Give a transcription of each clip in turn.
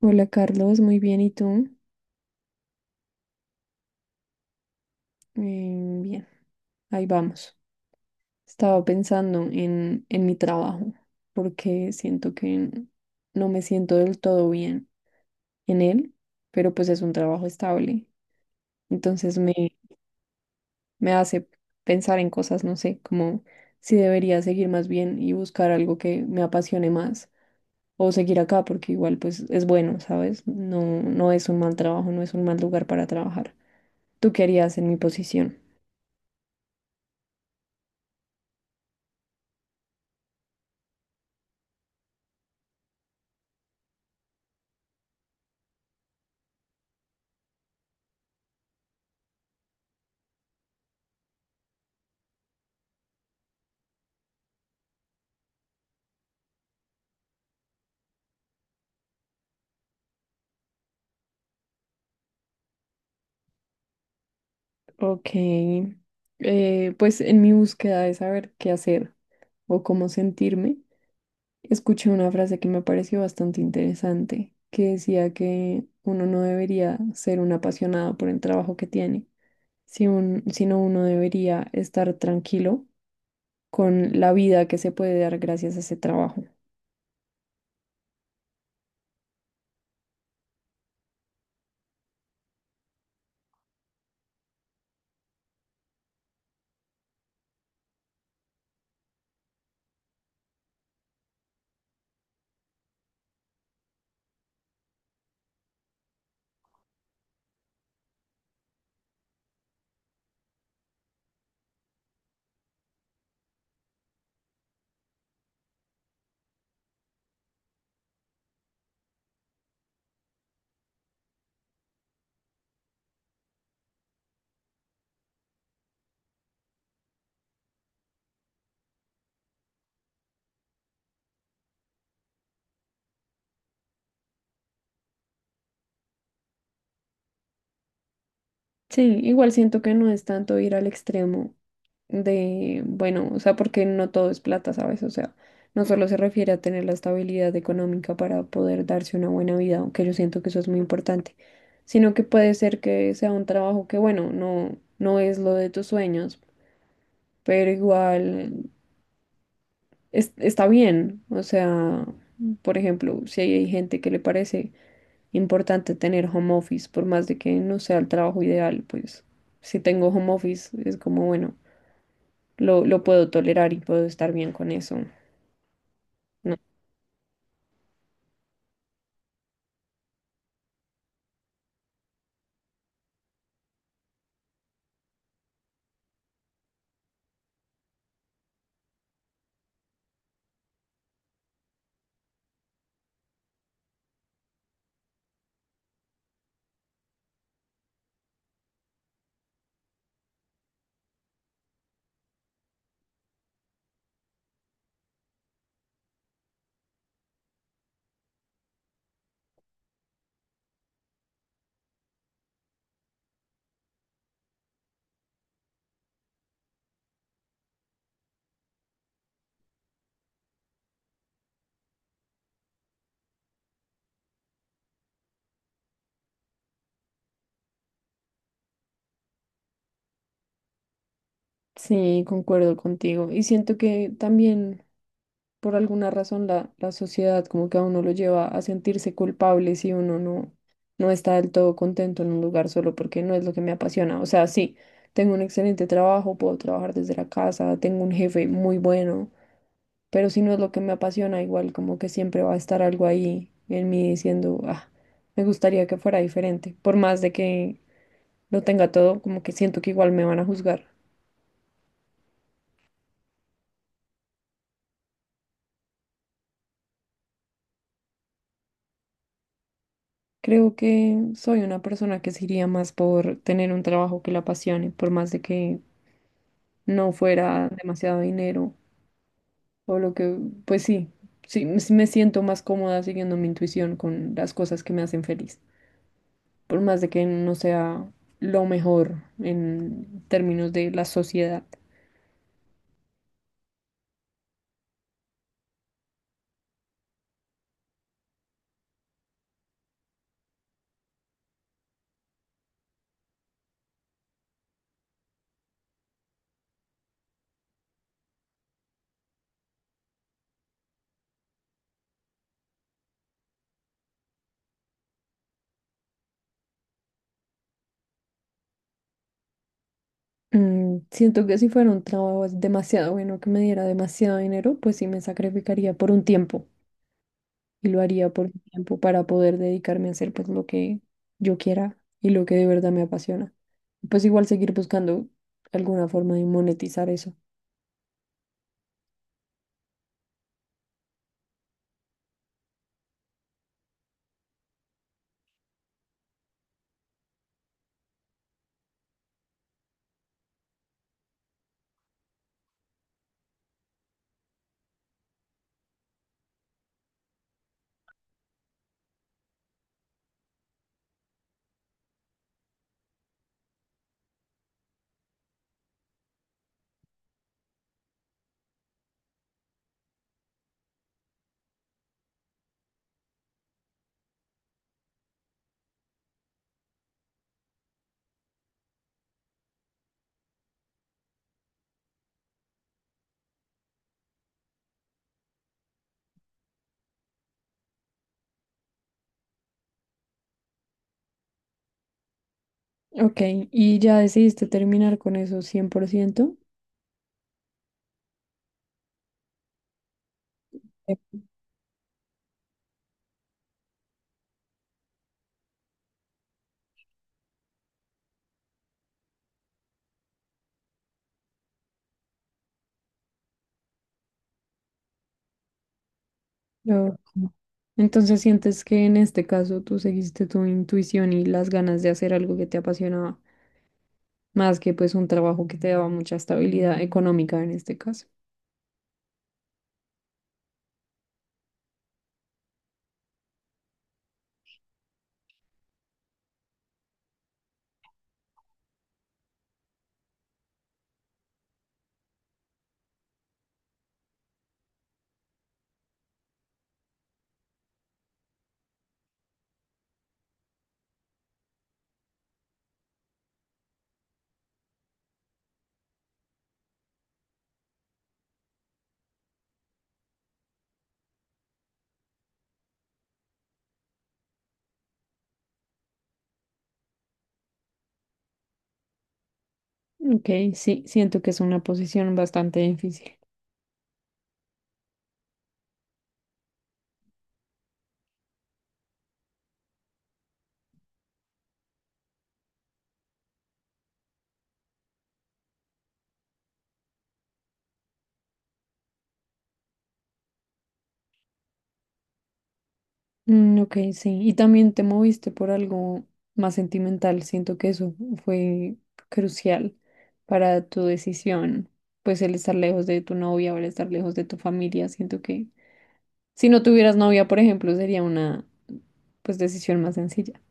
Hola Carlos, muy bien, ¿y tú? Bien, ahí vamos. Estaba pensando en mi trabajo porque siento que no me siento del todo bien en él, pero pues es un trabajo estable. Entonces me hace pensar en cosas, no sé, como si debería seguir más bien y buscar algo que me apasione más o seguir acá porque igual pues es bueno, ¿sabes? No es un mal trabajo, no es un mal lugar para trabajar. ¿Tú qué harías en mi posición? Ok, pues en mi búsqueda de saber qué hacer o cómo sentirme, escuché una frase que me pareció bastante interesante, que decía que uno no debería ser un apasionado por el trabajo que tiene, si un- sino uno debería estar tranquilo con la vida que se puede dar gracias a ese trabajo. Sí, igual siento que no es tanto ir al extremo de, bueno, o sea, porque no todo es plata, ¿sabes? O sea, no solo se refiere a tener la estabilidad económica para poder darse una buena vida, aunque yo siento que eso es muy importante, sino que puede ser que sea un trabajo que, bueno, no es lo de tus sueños, pero igual está bien. O sea, por ejemplo, si hay gente que le parece importante tener home office, por más de que no sea el trabajo ideal, pues si tengo home office es como, bueno, lo puedo tolerar y puedo estar bien con eso. ¿No? Sí, concuerdo contigo. Y siento que también por alguna razón la sociedad como que a uno lo lleva a sentirse culpable si uno no, no está del todo contento en un lugar solo porque no es lo que me apasiona. O sea, sí, tengo un excelente trabajo, puedo trabajar desde la casa, tengo un jefe muy bueno, pero si no es lo que me apasiona, igual como que siempre va a estar algo ahí en mí diciendo, ah, me gustaría que fuera diferente, por más de que lo tenga todo, como que siento que igual me van a juzgar. Creo que soy una persona que se iría más por tener un trabajo que la apasione, por más de que no fuera demasiado dinero o lo que, pues sí, me siento más cómoda siguiendo mi intuición con las cosas que me hacen feliz, por más de que no sea lo mejor en términos de la sociedad. Mm, siento que si fuera un trabajo demasiado bueno que me diera demasiado dinero, pues sí me sacrificaría por un tiempo y lo haría por un tiempo para poder dedicarme a hacer pues lo que yo quiera y lo que de verdad me apasiona. Pues igual seguir buscando alguna forma de monetizar eso. Ok, ¿y ya decidiste terminar con eso 100%? Eh, Ok. Entonces sientes que en este caso tú seguiste tu intuición y las ganas de hacer algo que te apasionaba, más que pues un trabajo que te daba mucha estabilidad económica en este caso. Ok, sí, siento que es una posición bastante difícil. Mm, ok, sí. Y también te moviste por algo más sentimental. Siento que eso fue crucial para tu decisión. Pues el estar lejos de tu novia o el estar lejos de tu familia. Siento que si no tuvieras novia, por ejemplo, sería una pues decisión más sencilla.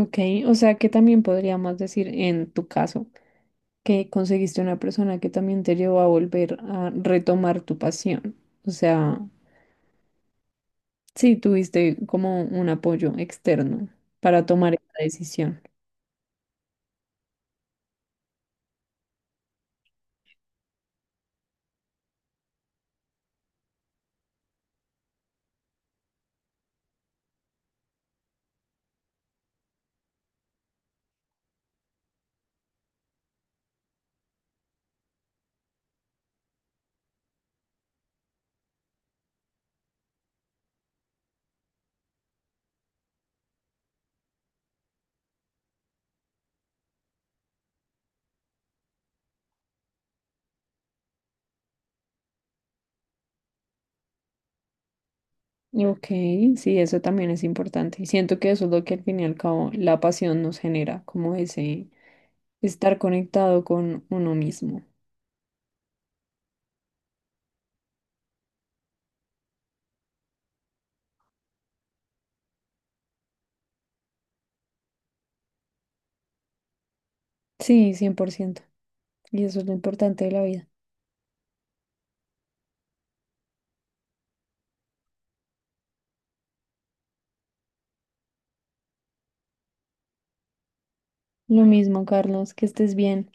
Ok, o sea que también podríamos decir en tu caso que conseguiste una persona que también te llevó a volver a retomar tu pasión. O sea, sí, tuviste como un apoyo externo para tomar esa decisión. Ok, sí, eso también es importante. Y siento que eso es lo que al fin y al cabo la pasión nos genera, como ese estar conectado con uno mismo. Sí, cien por ciento. Y eso es lo importante de la vida. Lo mismo, Carlos, que estés bien.